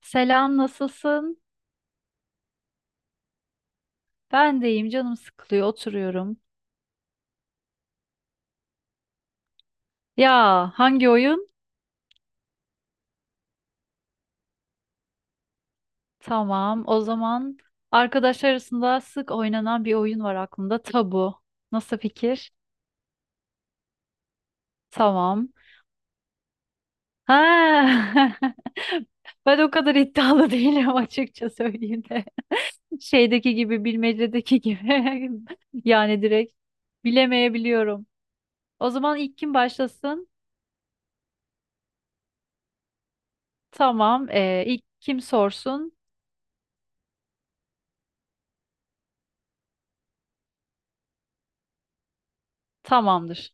Selam, nasılsın? Ben de iyiyim, canım sıkılıyor, oturuyorum. Ya, hangi oyun? Tamam, o zaman arkadaşlar arasında sık oynanan bir oyun var aklımda, tabu. Nasıl fikir? Tamam. Ha. Ben o kadar iddialı değilim açıkça söyleyeyim de. Şeydeki gibi, bilmecedeki gibi. Yani direkt bilemeyebiliyorum. O zaman ilk kim başlasın? Tamam, ilk kim sorsun? Tamamdır.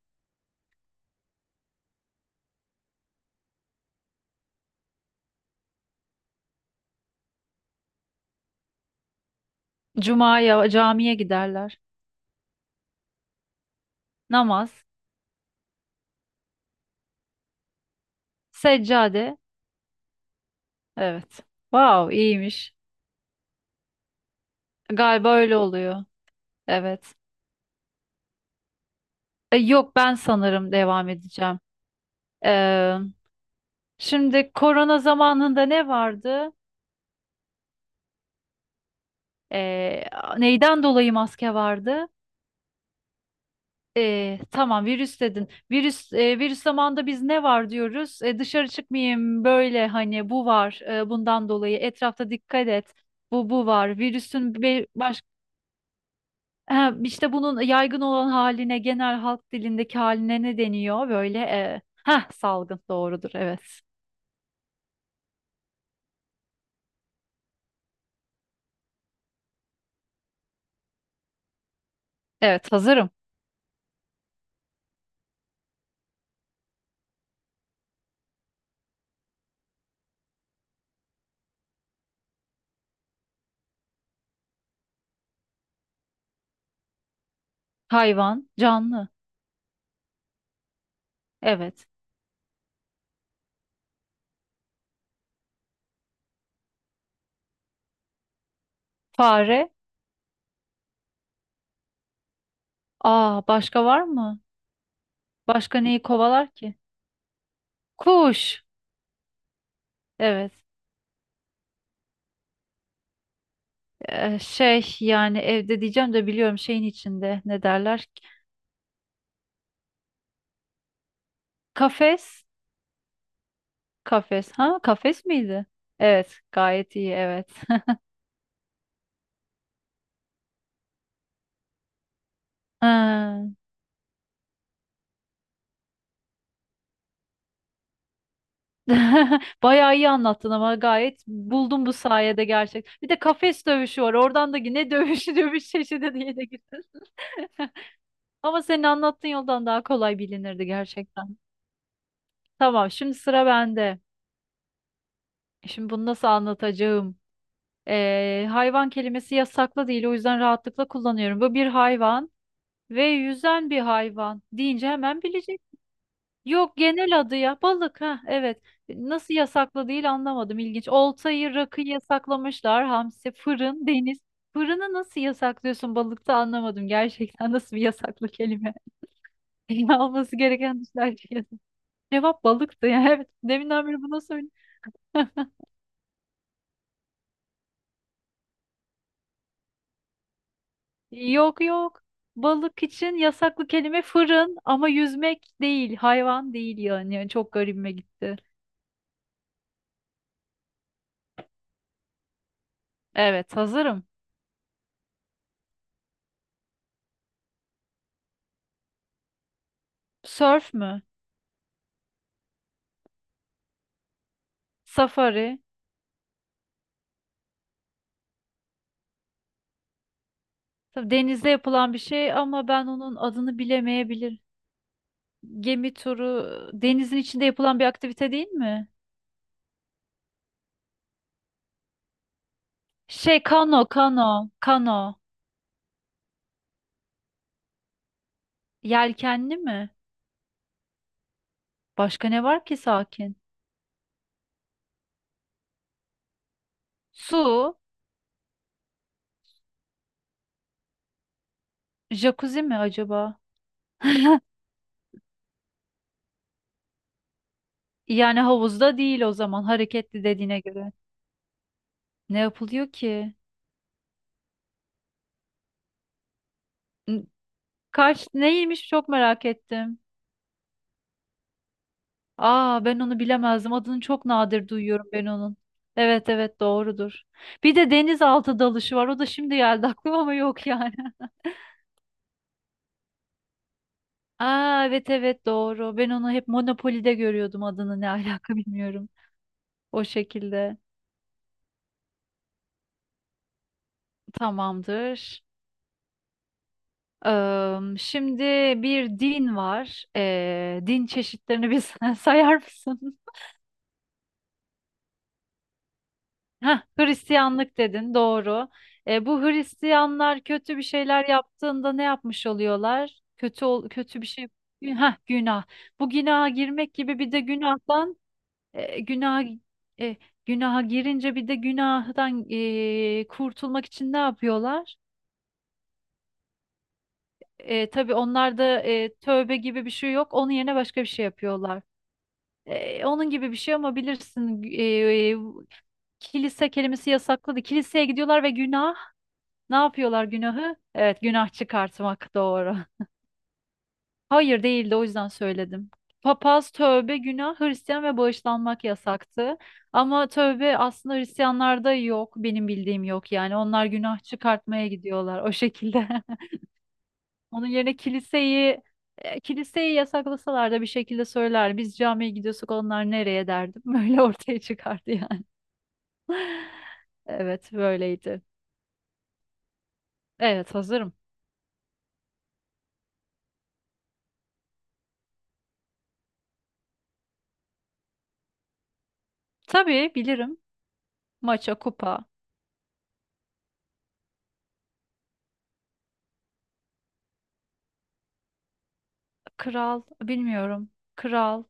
Cuma'ya camiye giderler. Namaz, seccade. Evet. Wow, iyiymiş. Galiba öyle oluyor. Evet. Yok ben sanırım devam edeceğim. Ee, şimdi korona zamanında ne vardı? Ee, neyden dolayı maske vardı? Tamam virüs dedin. Virüs virüs zamanında biz ne var diyoruz? E, dışarı çıkmayayım böyle hani bu var bundan dolayı etrafta dikkat et. Bu var. Virüsün baş. Ha, işte bunun yaygın olan haline, genel halk dilindeki haline ne deniyor? Böyle salgın doğrudur, evet. Evet, hazırım. Hayvan, canlı. Evet. Fare. Aa, başka var mı? Başka neyi kovalar ki? Kuş. Evet. E, şey yani evde diyeceğim de biliyorum şeyin içinde ne derler? Ki? Kafes. Kafes. Ha, kafes miydi? Evet, gayet iyi, evet. Ha. Bayağı iyi anlattın ama gayet buldum bu sayede gerçek. Bir de kafes dövüşü var. Oradan da ne dövüşü dövüş çeşidi diye de girdin. Ama senin anlattığın yoldan daha kolay bilinirdi gerçekten. Tamam, şimdi sıra bende. Şimdi bunu nasıl anlatacağım? Hayvan kelimesi yasaklı değil, o yüzden rahatlıkla kullanıyorum. Bu bir hayvan ve yüzen bir hayvan deyince hemen bileceksin. Yok, genel adı ya. Balık, ha evet. Nasıl yasaklı değil anlamadım, ilginç. Oltayı, rakıyı yasaklamışlar. Hamsi, fırın, deniz. Fırını nasıl yasaklıyorsun balıkta anlamadım gerçekten nasıl bir yasaklı kelime. Olması gereken dışlar. Cevap balıktı ya. Evet, deminden beri bunu söyle. Yok yok. Balık için yasaklı kelime fırın ama yüzmek değil, hayvan değil yani. Yani çok garibime gitti. Evet, hazırım. Surf mü? Safari. Tabii denizde yapılan bir şey ama ben onun adını bilemeyebilir. Gemi turu denizin içinde yapılan bir aktivite değil mi? Şey kano. Yelkenli mi? Başka ne var ki sakin? Su, jacuzzi mi acaba? Yani havuzda değil o zaman hareketli dediğine göre. Ne yapılıyor ki? N- Kaç neymiş çok merak ettim. Aa, ben onu bilemezdim. Adını çok nadir duyuyorum ben onun. Evet evet, doğrudur. Bir de denizaltı dalışı var. O da şimdi geldi aklıma ama yok yani. Aa evet evet, doğru. Ben onu hep Monopoly'de görüyordum adını, ne alaka bilmiyorum. O şekilde. Tamamdır. Şimdi bir din var. Din çeşitlerini bir sayar mısın? Heh, Hristiyanlık dedin, doğru. Bu Hristiyanlar kötü bir şeyler yaptığında ne yapmış oluyorlar? Kötü bir şey. Heh, günah. Bu günaha girmek gibi bir de günahtan e, günah e, günaha girince bir de günahdan kurtulmak için ne yapıyorlar? Tabii onlarda tövbe gibi bir şey yok. Onun yerine başka bir şey yapıyorlar. E, onun gibi bir şey ama bilirsin, kilise kelimesi yasakladı. Kiliseye gidiyorlar ve günah. Ne yapıyorlar günahı? Evet, günah çıkartmak, doğru. Hayır, değildi, o yüzden söyledim. Papaz, tövbe, günah, Hristiyan ve bağışlanmak yasaktı. Ama tövbe aslında Hristiyanlarda yok. Benim bildiğim yok yani. Onlar günah çıkartmaya gidiyorlar, o şekilde. Onun yerine kiliseyi kiliseyi yasaklasalar da bir şekilde söyler. Biz camiye gidiyorsak onlar nereye derdim. Böyle ortaya çıkardı yani. Evet, böyleydi. Evet, hazırım. Tabii bilirim. Maça, kupa. Kral, bilmiyorum. Kral.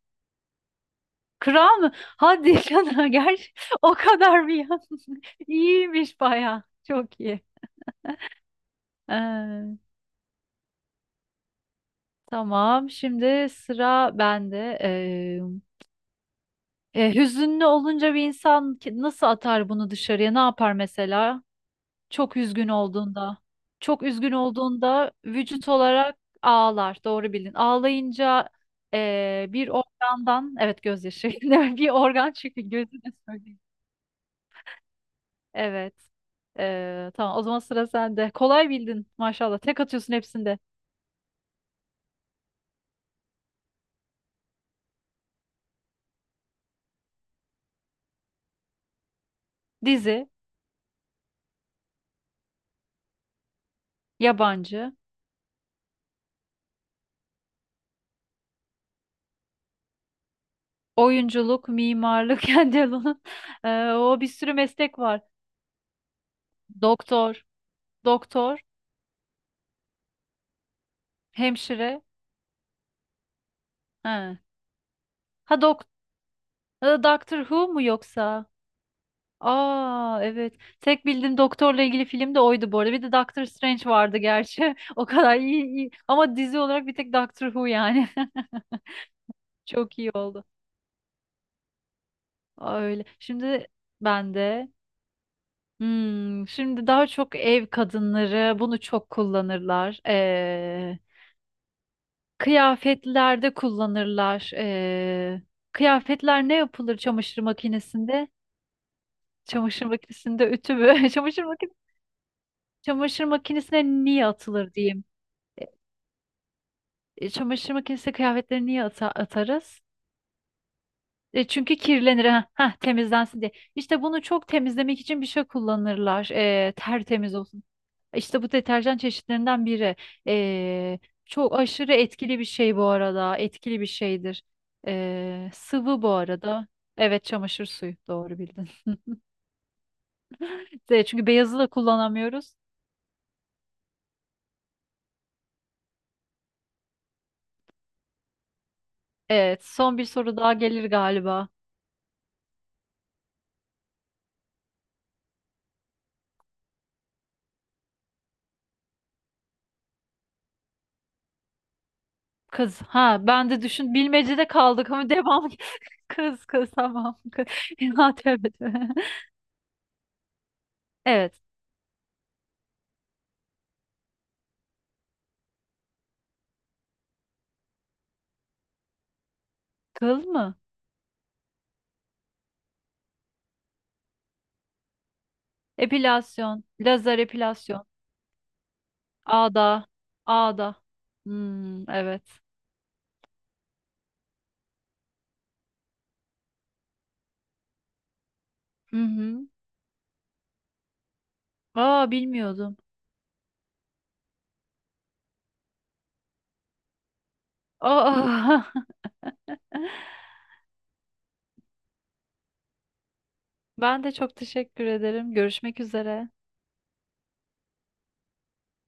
Kral mı? Hadi canım, gerçi o kadar bir yan. İyiymiş baya. Çok iyi. Ee, tamam şimdi sıra bende. Hüzünlü olunca bir insan nasıl atar bunu dışarıya? Ne yapar mesela? Çok üzgün olduğunda. Çok üzgün olduğunda vücut olarak ağlar. Doğru bildin. Ağlayınca bir organdan, evet, gözyaşı. Bir organ çünkü gözüne söyleyeyim. Evet. Tamam o zaman sıra sende. Kolay bildin maşallah. Tek atıyorsun hepsinde. Dizi, yabancı, oyunculuk, mimarlık, Kendall'ın. O bir sürü meslek var. Doktor, doktor, hemşire. Ha, ha dok ha, Doctor Who mu yoksa? Aa evet. Tek bildiğim doktorla ilgili film de oydu bu arada. Bir de Doctor Strange vardı gerçi. O kadar iyi, iyi. Ama dizi olarak bir tek Doctor Who yani. Çok iyi oldu. Öyle. Şimdi ben de. Hmm, şimdi daha çok ev kadınları bunu çok kullanırlar. Kıyafetlerde kullanırlar. Kıyafetler ne yapılır çamaşır makinesinde? Çamaşır makinesinde ütü mü? Çamaşır makinesi, çamaşır makinesine niye atılır diyeyim. E, çamaşır makinesine kıyafetleri niye atarız? E, çünkü kirlenir. Temizlensin diye. İşte bunu çok temizlemek için bir şey kullanırlar. E, tertemiz olsun. İşte bu deterjan çeşitlerinden biri. Ee, çok aşırı etkili bir şey bu arada. Etkili bir şeydir. Sıvı bu arada. Evet, çamaşır suyu. Doğru bildin. De, çünkü beyazı da kullanamıyoruz. Evet, son bir soru daha gelir galiba. Kız, ha ben de düşün, bilmecede kaldık ama devam. Kız tamam, kız. Ya, tövbe. Evet, kıl mı? Epilasyon, lazer epilasyon, ağda, ağda. Hmm, evet. Hı hı. Aa, bilmiyordum. Aa, ben de çok teşekkür ederim. Görüşmek üzere.